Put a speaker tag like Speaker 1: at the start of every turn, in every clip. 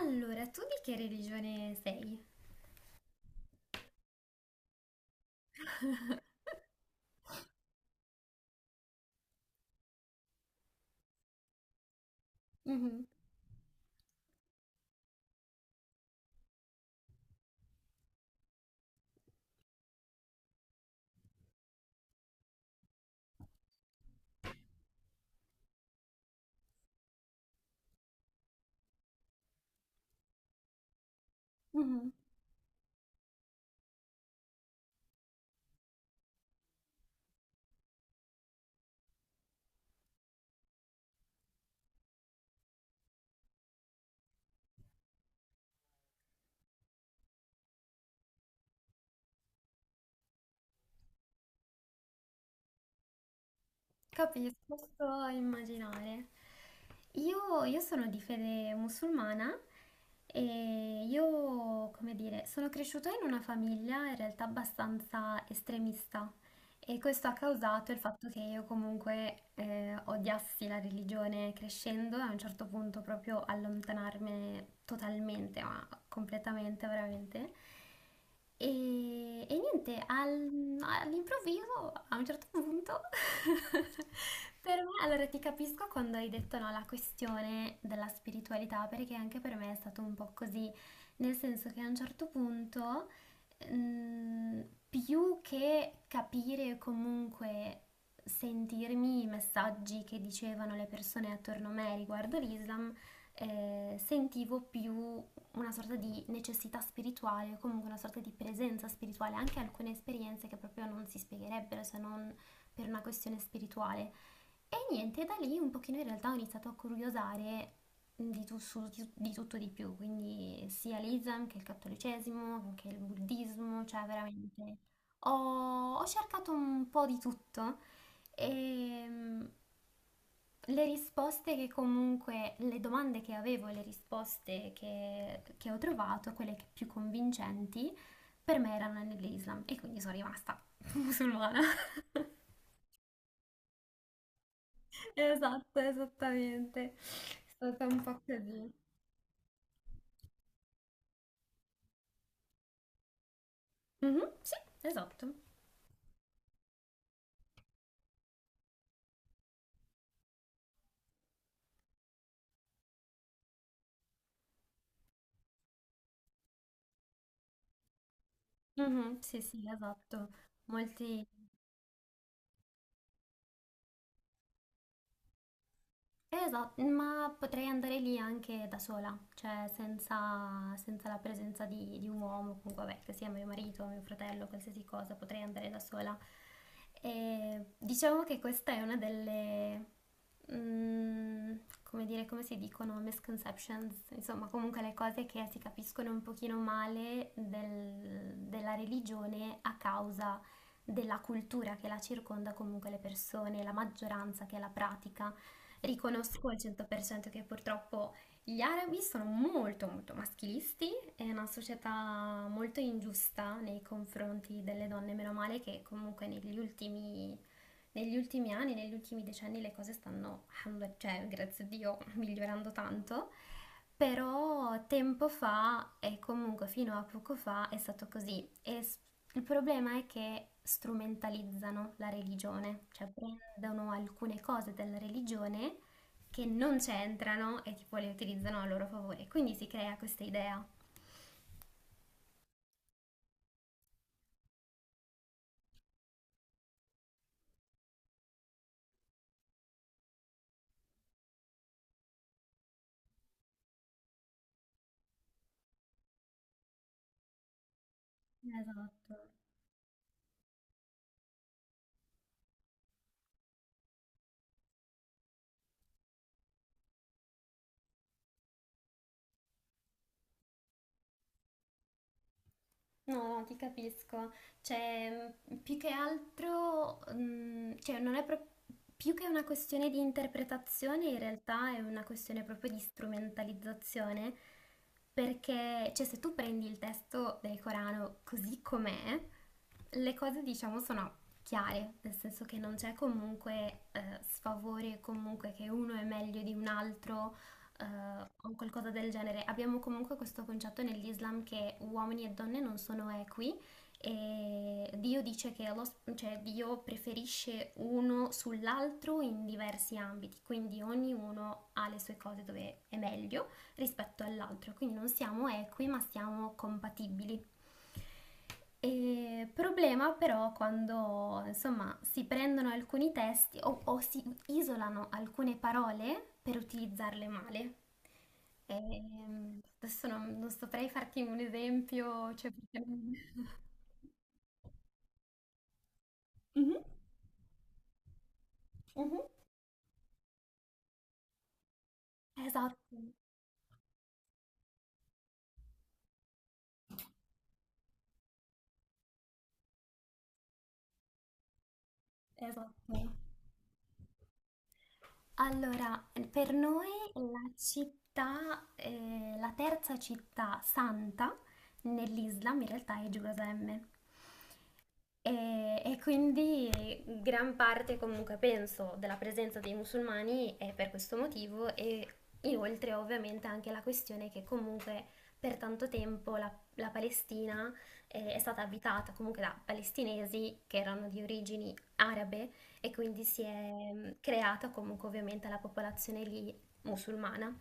Speaker 1: Allora, tu di che religione sei? Mhm, mhm. Capisco, posso immaginare. Io sono di fede musulmana e io, come dire, sono cresciuta in una famiglia in realtà abbastanza estremista. E questo ha causato il fatto che io comunque odiassi la religione crescendo e a un certo punto proprio allontanarmi totalmente, ma completamente veramente. E niente, all'improvviso, a un certo punto, per me, allora ti capisco quando hai detto no, la questione della spiritualità, perché anche per me è stato un po' così, nel senso che a un certo punto... Mm, più che capire o comunque sentirmi i messaggi che dicevano le persone attorno a me riguardo l'Islam, sentivo più una sorta di necessità spirituale, o comunque una sorta di presenza spirituale, anche alcune esperienze che proprio non si spiegherebbero se non per una questione spirituale. E niente, da lì un pochino in realtà ho iniziato a curiosare di tutto di più, quindi sia l'Islam che il cattolicesimo, che il buddismo, cioè veramente ho cercato un po' di tutto e le risposte che comunque, le domande che avevo, e le risposte che ho trovato, quelle che più convincenti, per me erano nell'Islam e quindi sono rimasta musulmana. Esatto, esattamente. È stata un po' così. Mhm, sì, esatto. Mhm, sì, sì, esatto. Molti. Esatto, ma potrei andare lì anche da sola, cioè senza, senza la presenza di un uomo, comunque vabbè, che sia mio marito, mio fratello, qualsiasi cosa, potrei andare da sola. E diciamo che questa è una delle, mm, come dire, come si dicono, misconceptions, insomma, comunque le cose che si capiscono un pochino male della religione a causa della cultura che la circonda, comunque le persone, la maggioranza che la pratica. Riconosco al 100% che purtroppo gli arabi sono molto molto maschilisti, è una società molto ingiusta nei confronti delle donne, meno male che comunque negli ultimi anni, negli ultimi decenni le cose stanno, alhamdulillah, cioè grazie a Dio, migliorando tanto, però tempo fa, e comunque fino a poco fa, è stato così. Il problema è che strumentalizzano la religione, cioè prendono alcune cose della religione che non c'entrano e tipo le utilizzano a loro favore. Quindi si crea questa idea. Esatto. No, no, ti capisco. Cioè, più che altro, cioè, non è pro- più che una questione di interpretazione, in realtà è una questione proprio di strumentalizzazione, perché, cioè, se tu prendi il testo del Corano così com'è, le cose, diciamo, sono chiare, nel senso che non c'è comunque sfavore, comunque che uno è meglio di un altro o qualcosa del genere. Abbiamo comunque questo concetto nell'Islam che uomini e donne non sono equi e Dio dice che cioè Dio preferisce uno sull'altro in diversi ambiti, quindi ognuno ha le sue cose dove è meglio rispetto all'altro, quindi non siamo equi ma siamo compatibili. E problema però quando insomma si prendono alcuni testi o si isolano alcune parole per utilizzarle male. Adesso non saprei farti un esempio, cioè perché... Mhm, mhm. Esatto, esatto. Allora, per noi la città, la terza città santa nell'Islam in realtà è Gerusalemme. E quindi gran parte comunque penso della presenza dei musulmani è per questo motivo e inoltre ovviamente anche la questione che comunque per tanto tempo la Palestina è stata abitata comunque da palestinesi che erano di origini arabe e quindi si è creata comunque ovviamente la popolazione lì musulmana.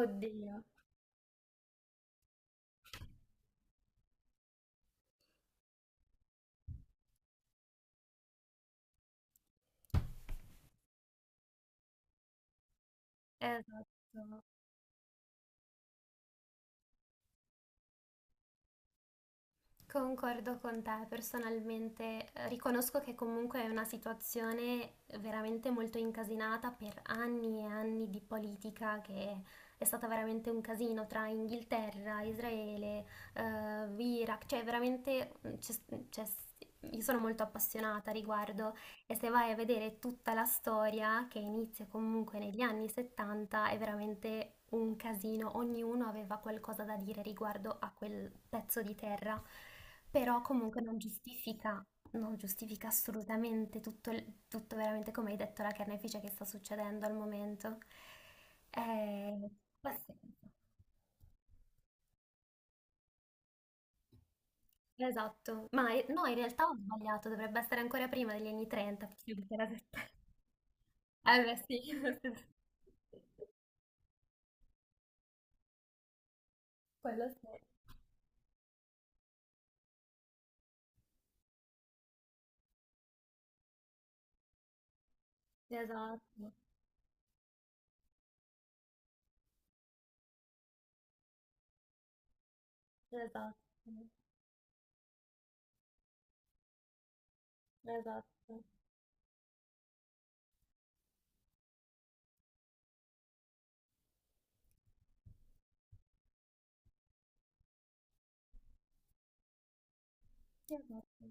Speaker 1: Oddio. Esatto. Concordo con te, personalmente riconosco che comunque è una situazione veramente molto incasinata per anni e anni di politica che è stata veramente un casino tra Inghilterra, Israele, eh, Iraq, cioè veramente c'è- io sono molto appassionata a riguardo e se vai a vedere tutta la storia, che inizia comunque negli anni 70, è veramente un casino. Ognuno aveva qualcosa da dire riguardo a quel pezzo di terra, però comunque non giustifica assolutamente tutto, tutto veramente, come hai detto, la carnefice che sta succedendo al momento. Eh, pazienza. Esatto, ma no, in realtà ho sbagliato, dovrebbe essere ancora prima degli anni 30, possiamo dire la verità. Eh beh, sì. Quello sì. Esatto, esatto, esatto, sì, esatto.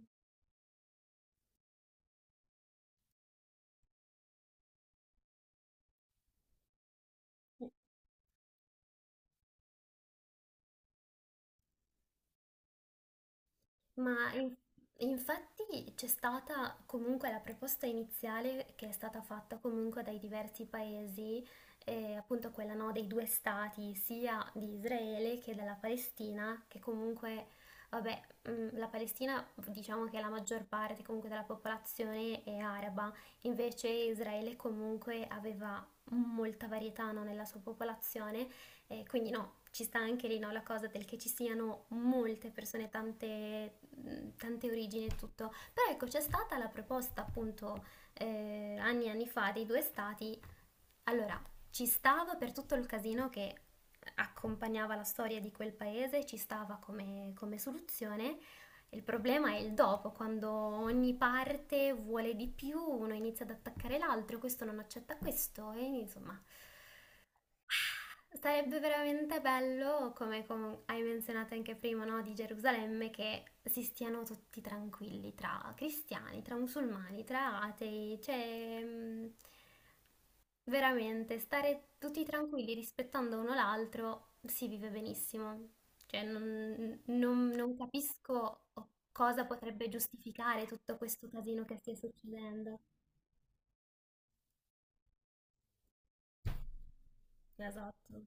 Speaker 1: Ma in- Infatti c'è stata comunque la proposta iniziale che è stata fatta comunque dai diversi paesi, appunto quella no, dei due stati, sia di Israele che della Palestina, che comunque, vabbè, la Palestina diciamo che la maggior parte comunque della popolazione è araba, invece Israele comunque aveva molta varietà no, nella sua popolazione quindi no, ci sta anche lì no, la cosa del che ci siano molte persone, tante, tante origini e tutto. Però ecco, c'è stata la proposta appunto anni e anni fa dei due stati. Allora, ci stava per tutto il casino che accompagnava la storia di quel paese, ci stava come, come soluzione. Il problema è il dopo, quando ogni parte vuole di più, uno inizia ad attaccare l'altro, questo non accetta questo e insomma... Sarebbe veramente bello, come hai menzionato anche prima, no, di Gerusalemme, che si stiano tutti tranquilli tra cristiani, tra musulmani, tra atei, cioè veramente stare tutti tranquilli rispettando uno l'altro si vive benissimo. Cioè non capisco cosa potrebbe giustificare tutto questo casino che stia succedendo. Esatto.